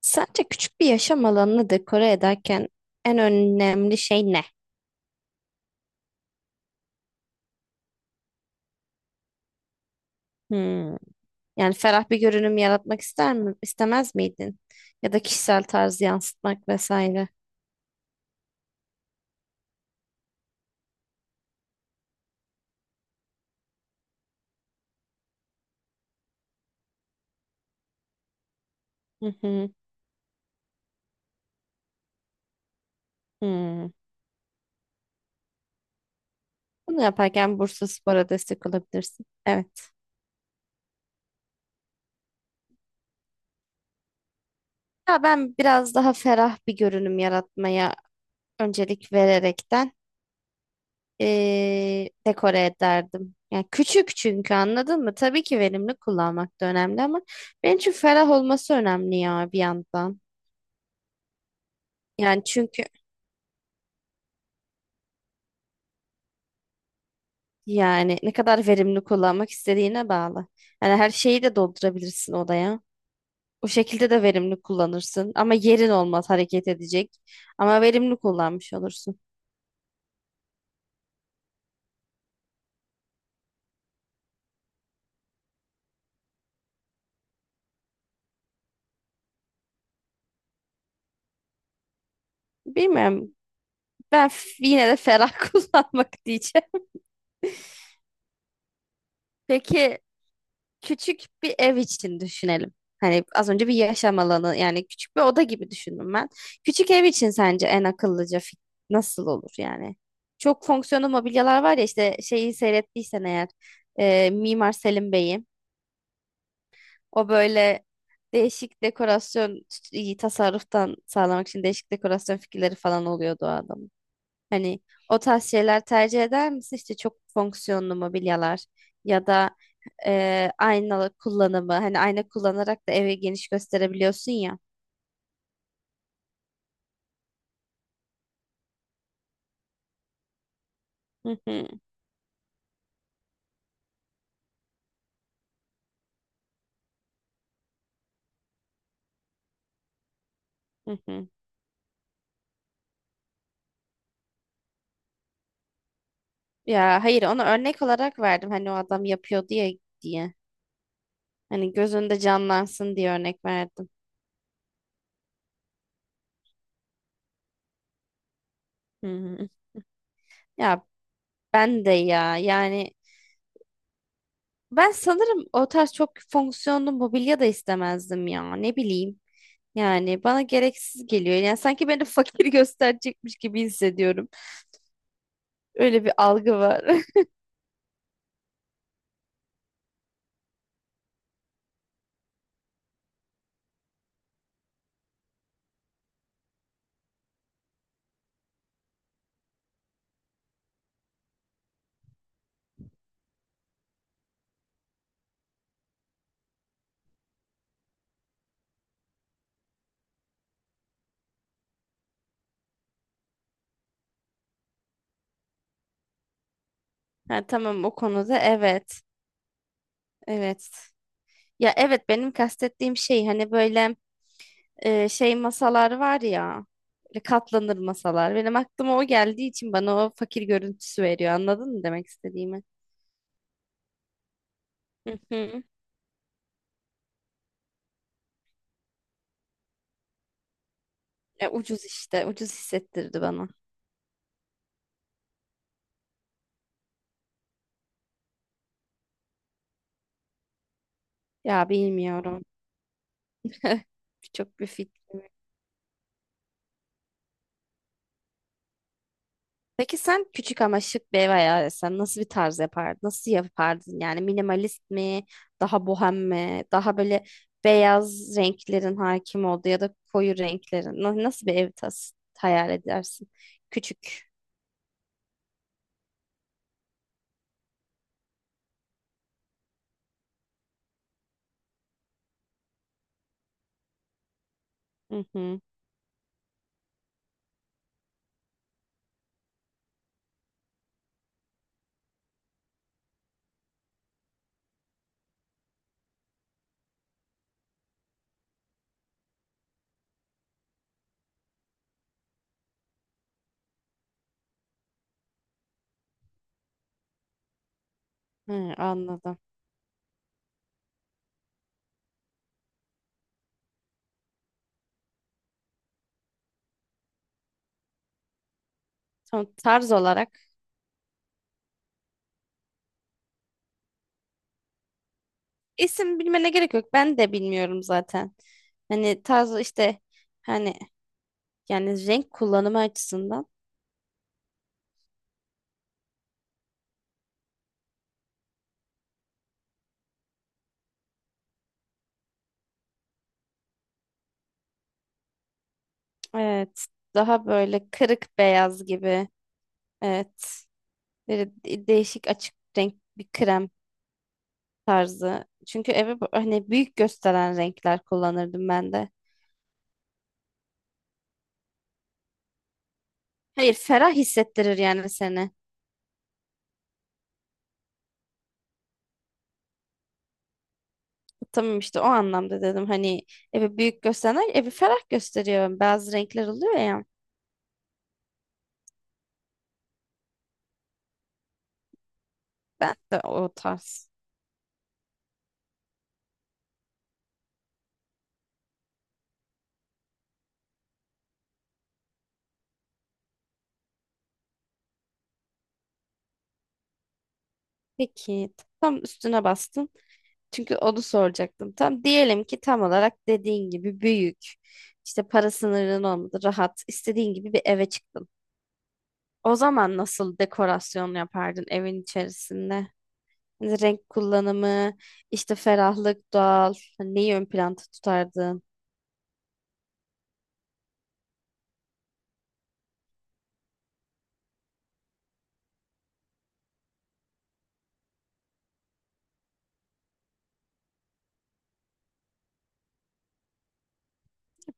Sence küçük bir yaşam alanını dekore ederken en önemli şey ne? Hmm. Yani ferah bir görünüm yaratmak ister mi, istemez miydin? Ya da kişisel tarzı yansıtmak vesaire. Hı hı. Hmm. Bunu yaparken Bursaspor'a destek olabilirsin. Evet. Ya ben biraz daha ferah bir görünüm yaratmaya öncelik vererekten dekore ederdim. Yani küçük çünkü anladın mı? Tabii ki verimli kullanmak da önemli ama benim için ferah olması önemli ya bir yandan. Yani çünkü yani ne kadar verimli kullanmak istediğine bağlı. Yani her şeyi de doldurabilirsin odaya. O şekilde de verimli kullanırsın. Ama yerin olmaz hareket edecek. Ama verimli kullanmış olursun. Bilmiyorum. Ben f- yine de ferah kullanmak diyeceğim. Peki küçük bir ev için düşünelim. Hani az önce bir yaşam alanı yani küçük bir oda gibi düşündüm ben. Küçük ev için sence en akıllıca fik- nasıl olur yani? Çok fonksiyonlu mobilyalar var ya işte şeyi seyrettiysen eğer Mimar Selim Bey'in o böyle değişik dekorasyon tasarruftan sağlamak için değişik dekorasyon fikirleri falan oluyordu o adamın. Hani o tarz şeyler tercih eder misin? İşte çok fonksiyonlu mobilyalar ya da aynalı kullanımı. Hani ayna kullanarak da evi geniş gösterebiliyorsun ya. Hı hı, hı hı. Ya hayır onu örnek olarak verdim. Hani o adam yapıyor diye diye. Hani göz önünde canlansın diye örnek verdim. Hı hı. Ya ben de ya yani ben sanırım o tarz çok fonksiyonlu mobilya da istemezdim ya. Ne bileyim. Yani bana gereksiz geliyor. Yani sanki beni fakir gösterecekmiş gibi hissediyorum. Öyle bir algı var. Ha, tamam o konuda evet. Evet. Ya evet benim kastettiğim şey hani böyle şey masalar var ya. Böyle katlanır masalar. Benim aklıma o geldiği için bana o fakir görüntüsü veriyor. Anladın mı demek istediğimi? Hı hı. E, ucuz işte. Ucuz hissettirdi bana. Ya bilmiyorum. Çok bir fikrim. Peki sen küçük ama şık bir ev hayal etsen nasıl bir tarz yapardın? Nasıl yapardın? Yani minimalist mi? Daha bohem mi? Daha böyle beyaz renklerin hakim olduğu ya da koyu renklerin. Na- Nasıl bir ev tas hayal edersin? Küçük. Hı hı. Hı, anladım. Tamam, tarz olarak. İsim bilmene gerek yok. Ben de bilmiyorum zaten. Hani tarz işte hani yani renk kullanımı açısından. Evet. Daha böyle kırık beyaz gibi. Evet. Böyle de- değişik açık renk bir krem tarzı. Çünkü eve bu- hani büyük gösteren renkler kullanırdım ben de. Hayır, ferah hissettirir yani seni. Tamam işte o anlamda dedim. Hani evi büyük gösteren evi ferah gösteriyor. Bazı renkler oluyor ya. Ben de o tarz. Peki tam üstüne bastın. Çünkü onu soracaktım. Tam diyelim ki tam olarak dediğin gibi büyük. İşte para sınırın olmadı, rahat, istediğin gibi bir eve çıktın. O zaman nasıl dekorasyon yapardın evin içerisinde? Hani renk kullanımı, işte ferahlık, doğal. Hani neyi ön planda tutardın?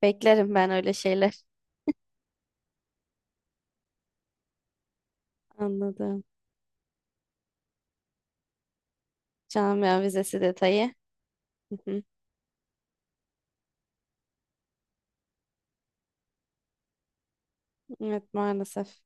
Beklerim ben öyle şeyler. Anladım. Camia vizesi detayı. Hı hı. Evet maalesef.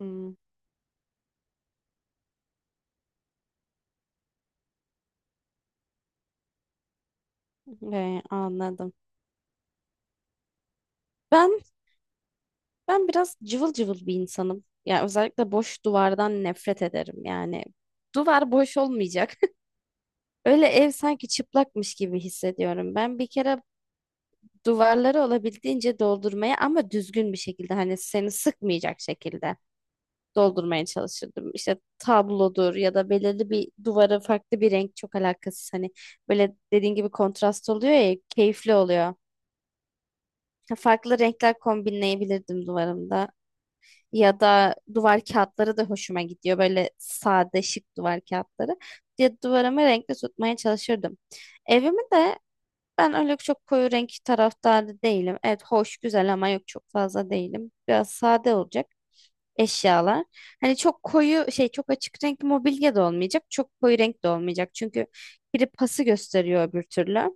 Hmm, anladım. Ben ben biraz cıvıl cıvıl bir insanım. Yani özellikle boş duvardan nefret ederim. Yani duvar boş olmayacak. Öyle ev sanki çıplakmış gibi hissediyorum. Ben bir kere duvarları olabildiğince doldurmaya ama düzgün bir şekilde hani seni sıkmayacak şekilde doldurmaya çalışırdım. İşte tablodur ya da belirli bir duvara farklı bir renk çok alakasız. Hani böyle dediğin gibi kontrast oluyor ya keyifli oluyor. Farklı renkler kombinleyebilirdim duvarımda. Ya da duvar kağıtları da hoşuma gidiyor. Böyle sade şık duvar kağıtları. Ya duvarımı renkli tutmaya çalışırdım. Evimi de ben öyle çok koyu renk taraftarı değilim. Evet hoş güzel ama yok çok fazla değilim. Biraz sade olacak eşyalar. Hani çok koyu şey çok açık renk mobilya da olmayacak. Çok koyu renk de olmayacak. Çünkü biri pası gösteriyor öbür türlü.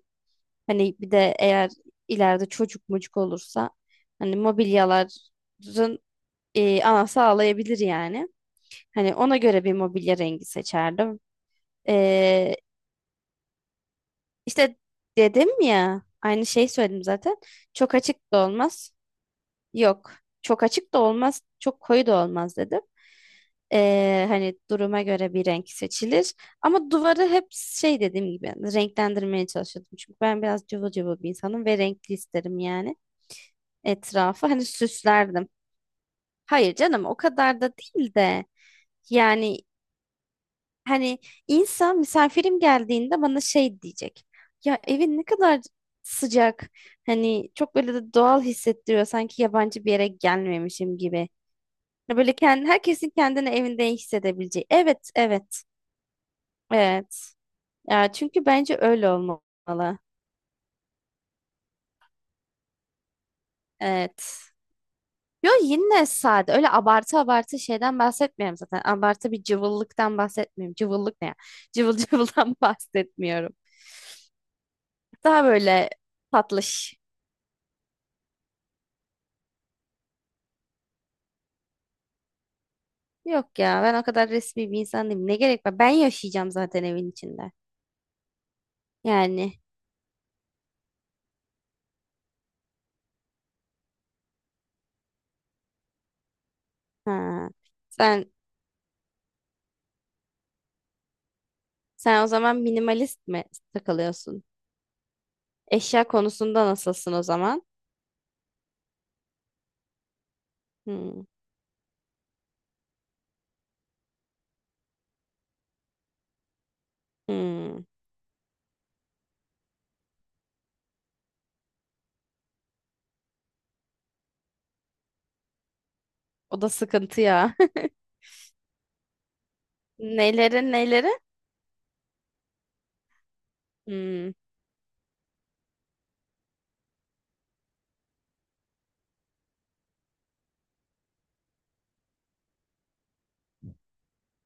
Hani bir de eğer ileride çocuk mucuk olursa hani mobilyaların anası ağlayabilir yani. Hani ona göre bir mobilya rengi seçerdim. Ee, işte dedim ya aynı şeyi söyledim zaten. Çok açık da olmaz. Yok. Çok açık da olmaz, çok koyu da olmaz dedim. Hani duruma göre bir renk seçilir. Ama duvarı hep şey dediğim gibi yani renklendirmeye çalışıyordum. Çünkü ben biraz cıvıl cıvıl bir insanım ve renkli isterim yani etrafı. Hani süslerdim. Hayır canım o kadar da değil de yani hani insan misafirim geldiğinde bana şey diyecek. Ya evin ne kadar sıcak. Hani çok böyle de doğal hissettiriyor. Sanki yabancı bir yere gelmemişim gibi. Ya böyle kendi, herkesin kendini evinde iyi hissedebileceği. Evet, evet, evet. Ya çünkü bence öyle olmalı. Evet. Yo yine sade. Öyle abartı abartı şeyden bahsetmiyorum zaten. Abartı bir cıvıllıktan bahsetmiyorum. Cıvıllık ne ya? Cıvıl cıvıldan bahsetmiyorum. Daha böyle tatlış. Yok ya ben o kadar resmi bir insan değilim. Ne gerek var? Ben yaşayacağım zaten evin içinde. Yani. Ha. Sen sen o zaman minimalist mi takılıyorsun? Eşya konusunda nasılsın o zaman? Hmm, hmm. O da sıkıntı ya. Neleri neleri? Hmm.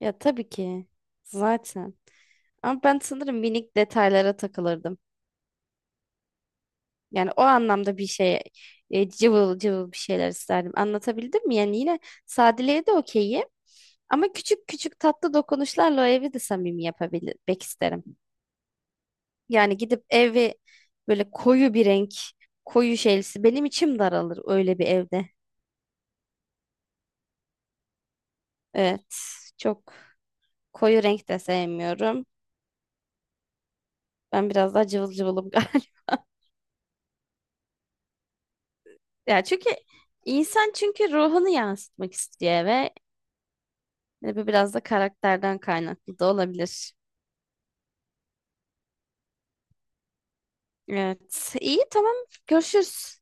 Ya tabii ki. Zaten. Ama ben sanırım minik detaylara takılırdım. Yani o anlamda bir şey cıvıl cıvıl bir şeyler isterdim. Anlatabildim mi? Yani yine sadeliğe de okeyim. Ama küçük küçük tatlı dokunuşlarla o evi de samimi yapabilmek isterim. Yani gidip evi böyle koyu bir renk, koyu şeylisi. Benim içim daralır öyle bir evde. Evet, çok. Koyu renk de sevmiyorum. Ben biraz daha cıvıl cıvılım galiba. Ya çünkü insan çünkü ruhunu yansıtmak istiyor ve bu biraz da karakterden kaynaklı da olabilir. Evet. İyi tamam. Görüşürüz.